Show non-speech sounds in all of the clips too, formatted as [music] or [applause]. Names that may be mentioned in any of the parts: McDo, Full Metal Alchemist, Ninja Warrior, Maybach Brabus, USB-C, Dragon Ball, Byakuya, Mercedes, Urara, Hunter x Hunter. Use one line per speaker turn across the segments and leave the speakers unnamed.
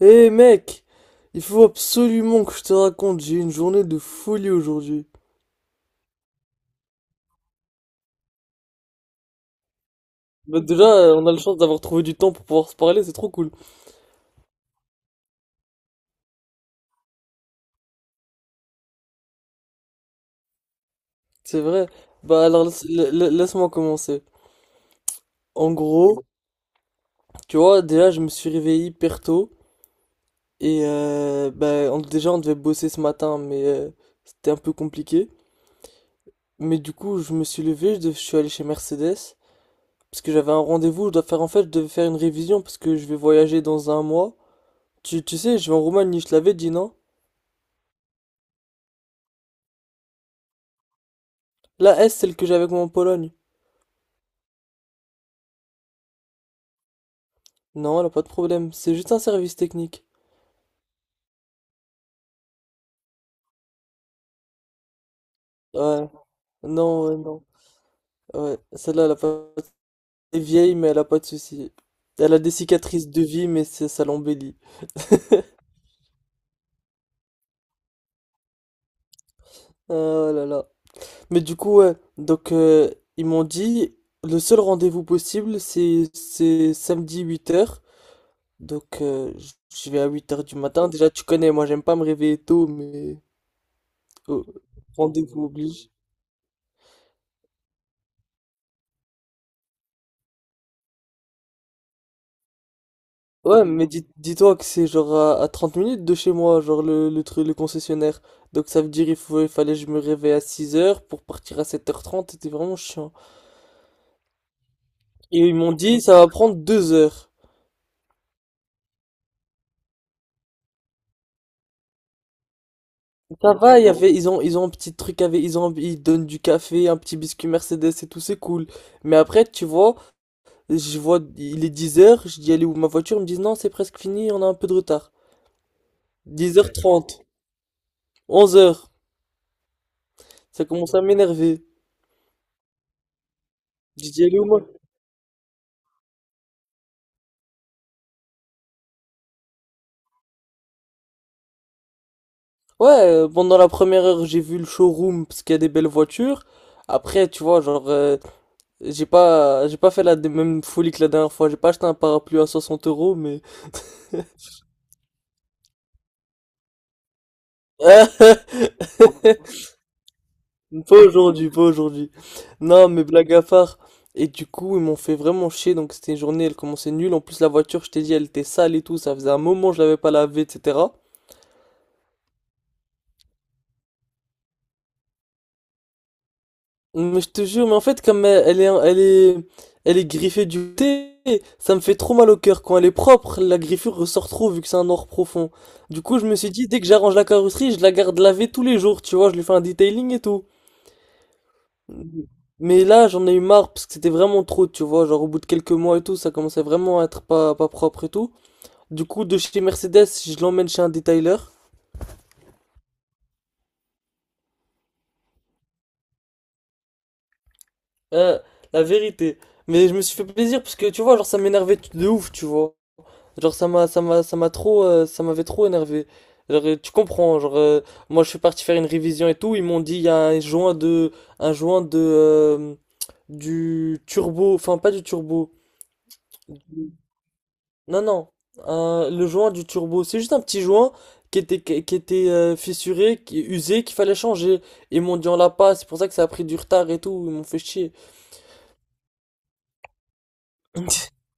Hé mec, il faut absolument que je te raconte, j'ai eu une journée de folie aujourd'hui. Bah déjà, on a la chance d'avoir trouvé du temps pour pouvoir se parler, c'est trop cool. C'est vrai. Bah alors, laisse-moi commencer. En gros, tu vois, déjà, je me suis réveillé hyper tôt. Et bah, déjà, on devait bosser ce matin, mais c'était un peu compliqué. Mais du coup, je me suis levé, je suis allé chez Mercedes. Parce que j'avais un rendez-vous, je dois faire en fait, je devais faire une révision parce que je vais voyager dans un mois. Tu sais, je vais en Roumanie, je te l'avais dit, non? La S, celle que j'avais avec moi en Pologne. Non, elle a pas de problème. C'est juste un service technique. Ouais. Non, ouais, non. Ouais. Celle-là, elle a pas. Elle est vieille, mais elle a pas de soucis. Elle a des cicatrices de vie, mais ça l'embellit. Ah, oh là là. Mais du coup, ouais. Donc, ils m'ont dit, le seul rendez-vous possible, c'est samedi 8h. Donc, je vais à 8h du matin. Déjà, tu connais, moi, j'aime pas me réveiller tôt, mais, oh, rendez-vous oblige. Ouais, mais dis-toi que c'est genre à 30 minutes de chez moi, genre le truc, le concessionnaire. Donc ça veut dire il fallait que je me réveille à 6h pour partir à 7h30, c'était vraiment chiant. Et ils m'ont dit ça va prendre 2 heures. Ça va, il y avait, ils ont un petit truc avec, ils donnent du café, un petit biscuit Mercedes et tout, c'est cool. Mais après, tu vois, je vois, il est 10h. Je dis, allez, où ma voiture? Ils me disent non, c'est presque fini, on a un peu de retard. 10h30, 11h, ça commence à m'énerver. Je dis, allez où moi? Ouais, pendant la première heure, j'ai vu le showroom parce qu'il y a des belles voitures. Après, tu vois, genre, j'ai pas fait la même folie que la dernière fois. J'ai pas acheté un parapluie à 60 euros, mais [laughs] pas aujourd'hui, pas aujourd'hui. Non, mais blague à part. Et du coup, ils m'ont fait vraiment chier. Donc c'était une journée, elle commençait nulle. En plus, la voiture, je t'ai dit, elle était sale et tout. Ça faisait un moment, je l'avais pas lavée, etc. Mais je te jure, mais en fait, comme elle est griffée du thé, ça me fait trop mal au cœur. Quand elle est propre, la griffure ressort trop vu que c'est un or profond. Du coup, je me suis dit, dès que j'arrange la carrosserie, je la garde lavée tous les jours, tu vois, je lui fais un detailing et tout. Mais là, j'en ai eu marre parce que c'était vraiment trop, tu vois, genre au bout de quelques mois et tout, ça commençait vraiment à être pas propre et tout. Du coup, de chez Mercedes, je l'emmène chez un detailer. Euh, la vérité. Mais je me suis fait plaisir parce que, tu vois, genre ça m'énervait de ouf, tu vois. Genre ça m'avait trop énervé. Genre, tu comprends, genre moi je suis parti faire une révision et tout, ils m'ont dit il y a un joint de du turbo, enfin pas du turbo. Du- Non, non, le joint du turbo, c'est juste un petit joint qui était fissuré, qui usé, qu'il fallait changer. Ils m'ont dit on l'a pas, c'est pour ça que ça a pris du retard et tout, ils m'ont fait chier. [laughs]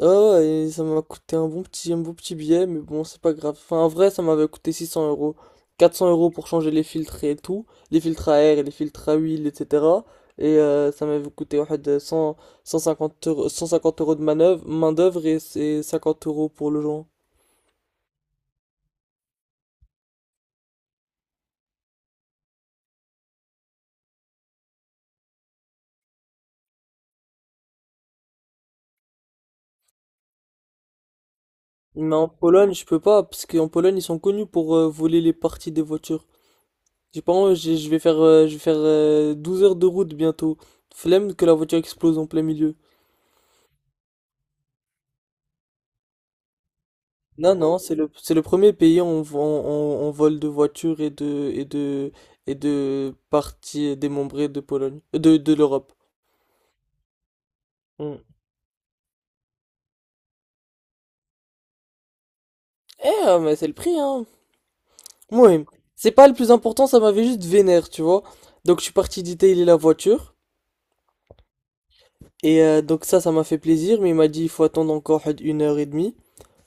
Ah ouais, et ça m'a coûté un bon petit billet, mais bon, c'est pas grave. Enfin, en vrai, ça m'avait coûté 600 euros. 400 euros pour changer les filtres et tout, les filtres à air et les filtres à huile, etc. Et ça m'avait coûté en واحد 100, 150 euros, 150 euros de main-d'œuvre et, c'est 50 euros pour le joint. Mais en Pologne, je peux pas, parce qu'en Pologne, ils sont connus pour voler les parties des voitures. J'ai pas envie, je vais faire 12 heures de route bientôt. Flemme que la voiture explose en plein milieu. Non, non, c'est le premier pays où on vole de voitures et de parties démembrées de l'Europe. Mm. Eh, mais c'est le prix, hein. Oui, c'est pas le plus important, ça m'avait juste vénère, tu vois. Donc je suis parti détailer la voiture, et donc ça m'a fait plaisir, mais il m'a dit il faut attendre encore une heure et demie.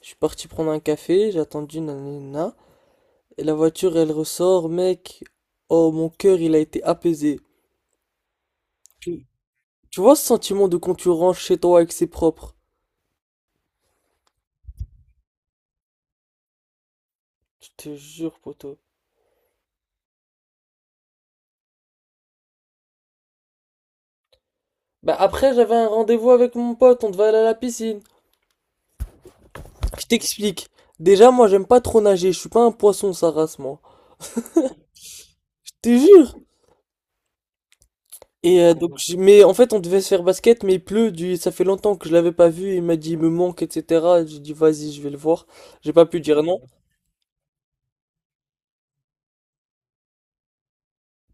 Je suis parti prendre un café, j'ai attendu, nanana. Et la voiture, elle ressort, mec. Oh, mon cœur, il a été apaisé. Tu vois ce sentiment de quand tu rentres chez toi avec ses propres. Je te jure, poteau. Bah après, j'avais un rendez-vous avec mon pote, on devait aller à la piscine. Je t'explique. Déjà, moi, j'aime pas trop nager, je suis pas un poisson, ça race, moi. Je te jure. Et donc, mais en fait, on devait se faire basket, mais il pleut, ça fait longtemps que je l'avais pas vu, il m'a dit, il me manque, etc. J'ai dit, vas-y, je vais le voir. J'ai pas pu dire non,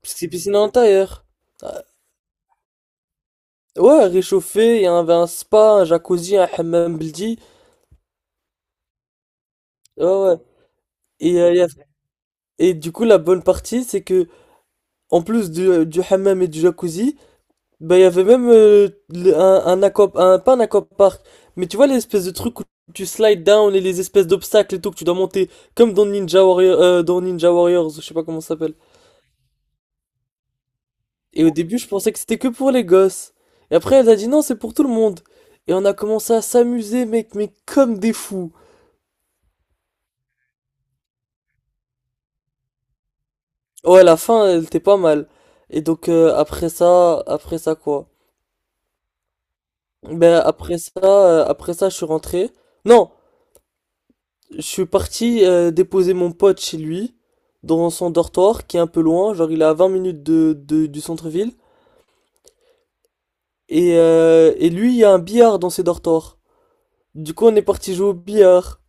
parce que c'est piscine à l'intérieur. Ah, ouais, réchauffé, il y avait un spa, un jacuzzi, un hammam baldi. Ouais, ouais. Et il y Et du coup, la bonne partie, c'est que, en plus du hammam et du jacuzzi, bah, il y avait même pas un aquapark, mais tu vois l'espèce de truc où tu slides down et les espèces d'obstacles et tout que tu dois monter, comme dans Ninja Warriors, ou je sais pas comment ça s'appelle. Et au début, je pensais que c'était que pour les gosses. Et après, elle a dit non, c'est pour tout le monde. Et on a commencé à s'amuser, mec, mais comme des fous. Ouais, la fin, elle était pas mal. Et donc, après ça, quoi? Ben après ça, je suis rentré. Non, je suis parti déposer mon pote chez lui, dans son dortoir, qui est un peu loin, genre il est à 20 minutes du centre-ville. Et, lui, il y a un billard dans ses dortoirs. Du coup, on est parti jouer au billard.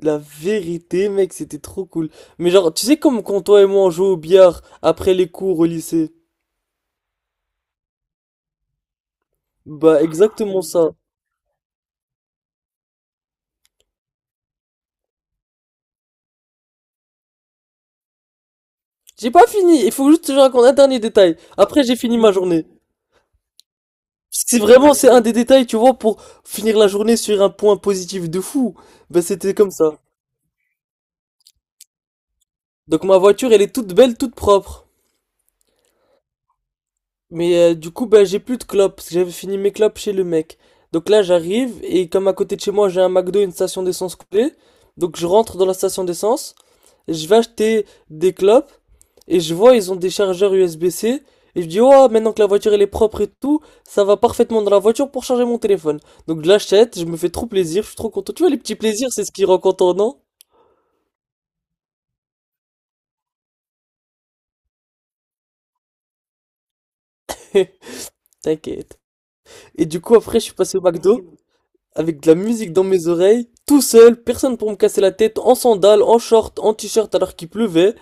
La vérité, mec, c'était trop cool. Mais genre, tu sais comme quand toi et moi on joue au billard après les cours au lycée? Bah exactement ça. J'ai pas fini, il faut juste que je raconte un dernier détail. Après, j'ai fini ma journée. Parce que c'est un des détails, tu vois, pour finir la journée sur un point positif de fou. Ben, c'était comme ça. Donc, ma voiture, elle est toute belle, toute propre. Mais du coup, ben, j'ai plus de clopes, parce que j'avais fini mes clopes chez le mec. Donc là, j'arrive, et comme à côté de chez moi, j'ai un McDo et une station d'essence coulée, donc je rentre dans la station d'essence, je vais acheter des clopes, et je vois, ils ont des chargeurs USB-C. Et je dis, oh, maintenant que la voiture elle est propre et tout, ça va parfaitement dans la voiture pour charger mon téléphone. Donc je l'achète, je me fais trop plaisir, je suis trop content. Tu vois, les petits plaisirs, c'est ce qui rend content, non? [laughs] T'inquiète. Et du coup, après, je suis passé au McDo avec de la musique dans mes oreilles, tout seul, personne pour me casser la tête, en sandales, en short, en t-shirt alors qu'il pleuvait.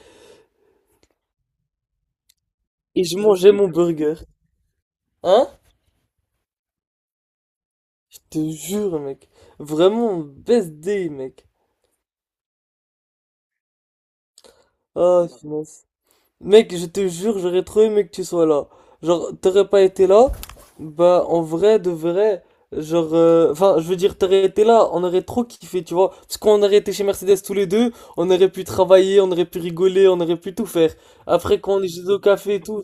Et je mangeais mon burger. Hein? Je te jure, mec. Vraiment, best day, mec. Oh, finance. Mec, je te jure, j'aurais trop aimé que tu sois là. Genre, t'aurais pas été là, bah, en vrai, de vrai, genre, enfin, je veux dire, t'aurais été là, on aurait trop kiffé, tu vois. Parce qu'on aurait été chez Mercedes tous les deux, on aurait pu travailler, on aurait pu rigoler, on aurait pu tout faire. Après, quand on est chez au café et tout.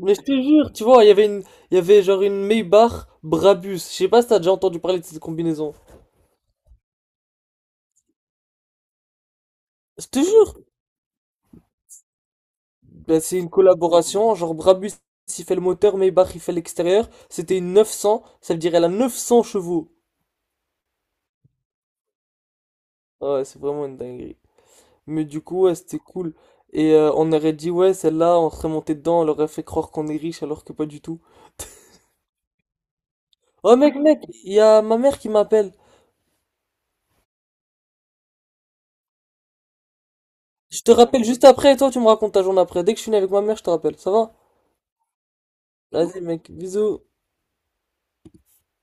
Mais je te jure, tu vois, il y avait genre une Maybach Brabus. Je sais pas si t'as déjà entendu parler de cette combinaison. Je te jure. Bah, c'est une collaboration, genre Brabus il fait le moteur, Maybach il fait l'extérieur. C'était une 900, ça veut dire elle a 900 chevaux. Ah, ouais, c'est vraiment une dinguerie. Mais du coup, ouais, c'était cool. Et on aurait dit, ouais, celle-là, on serait monté dedans, on leur aurait fait croire qu'on est riche alors que pas du tout. Oh mec, mec, il y a ma mère qui m'appelle. Je te rappelle juste après et toi tu me racontes ta journée après. Dès que je finis avec ma mère, je te rappelle. Ça va? Vas-y mec, bisous.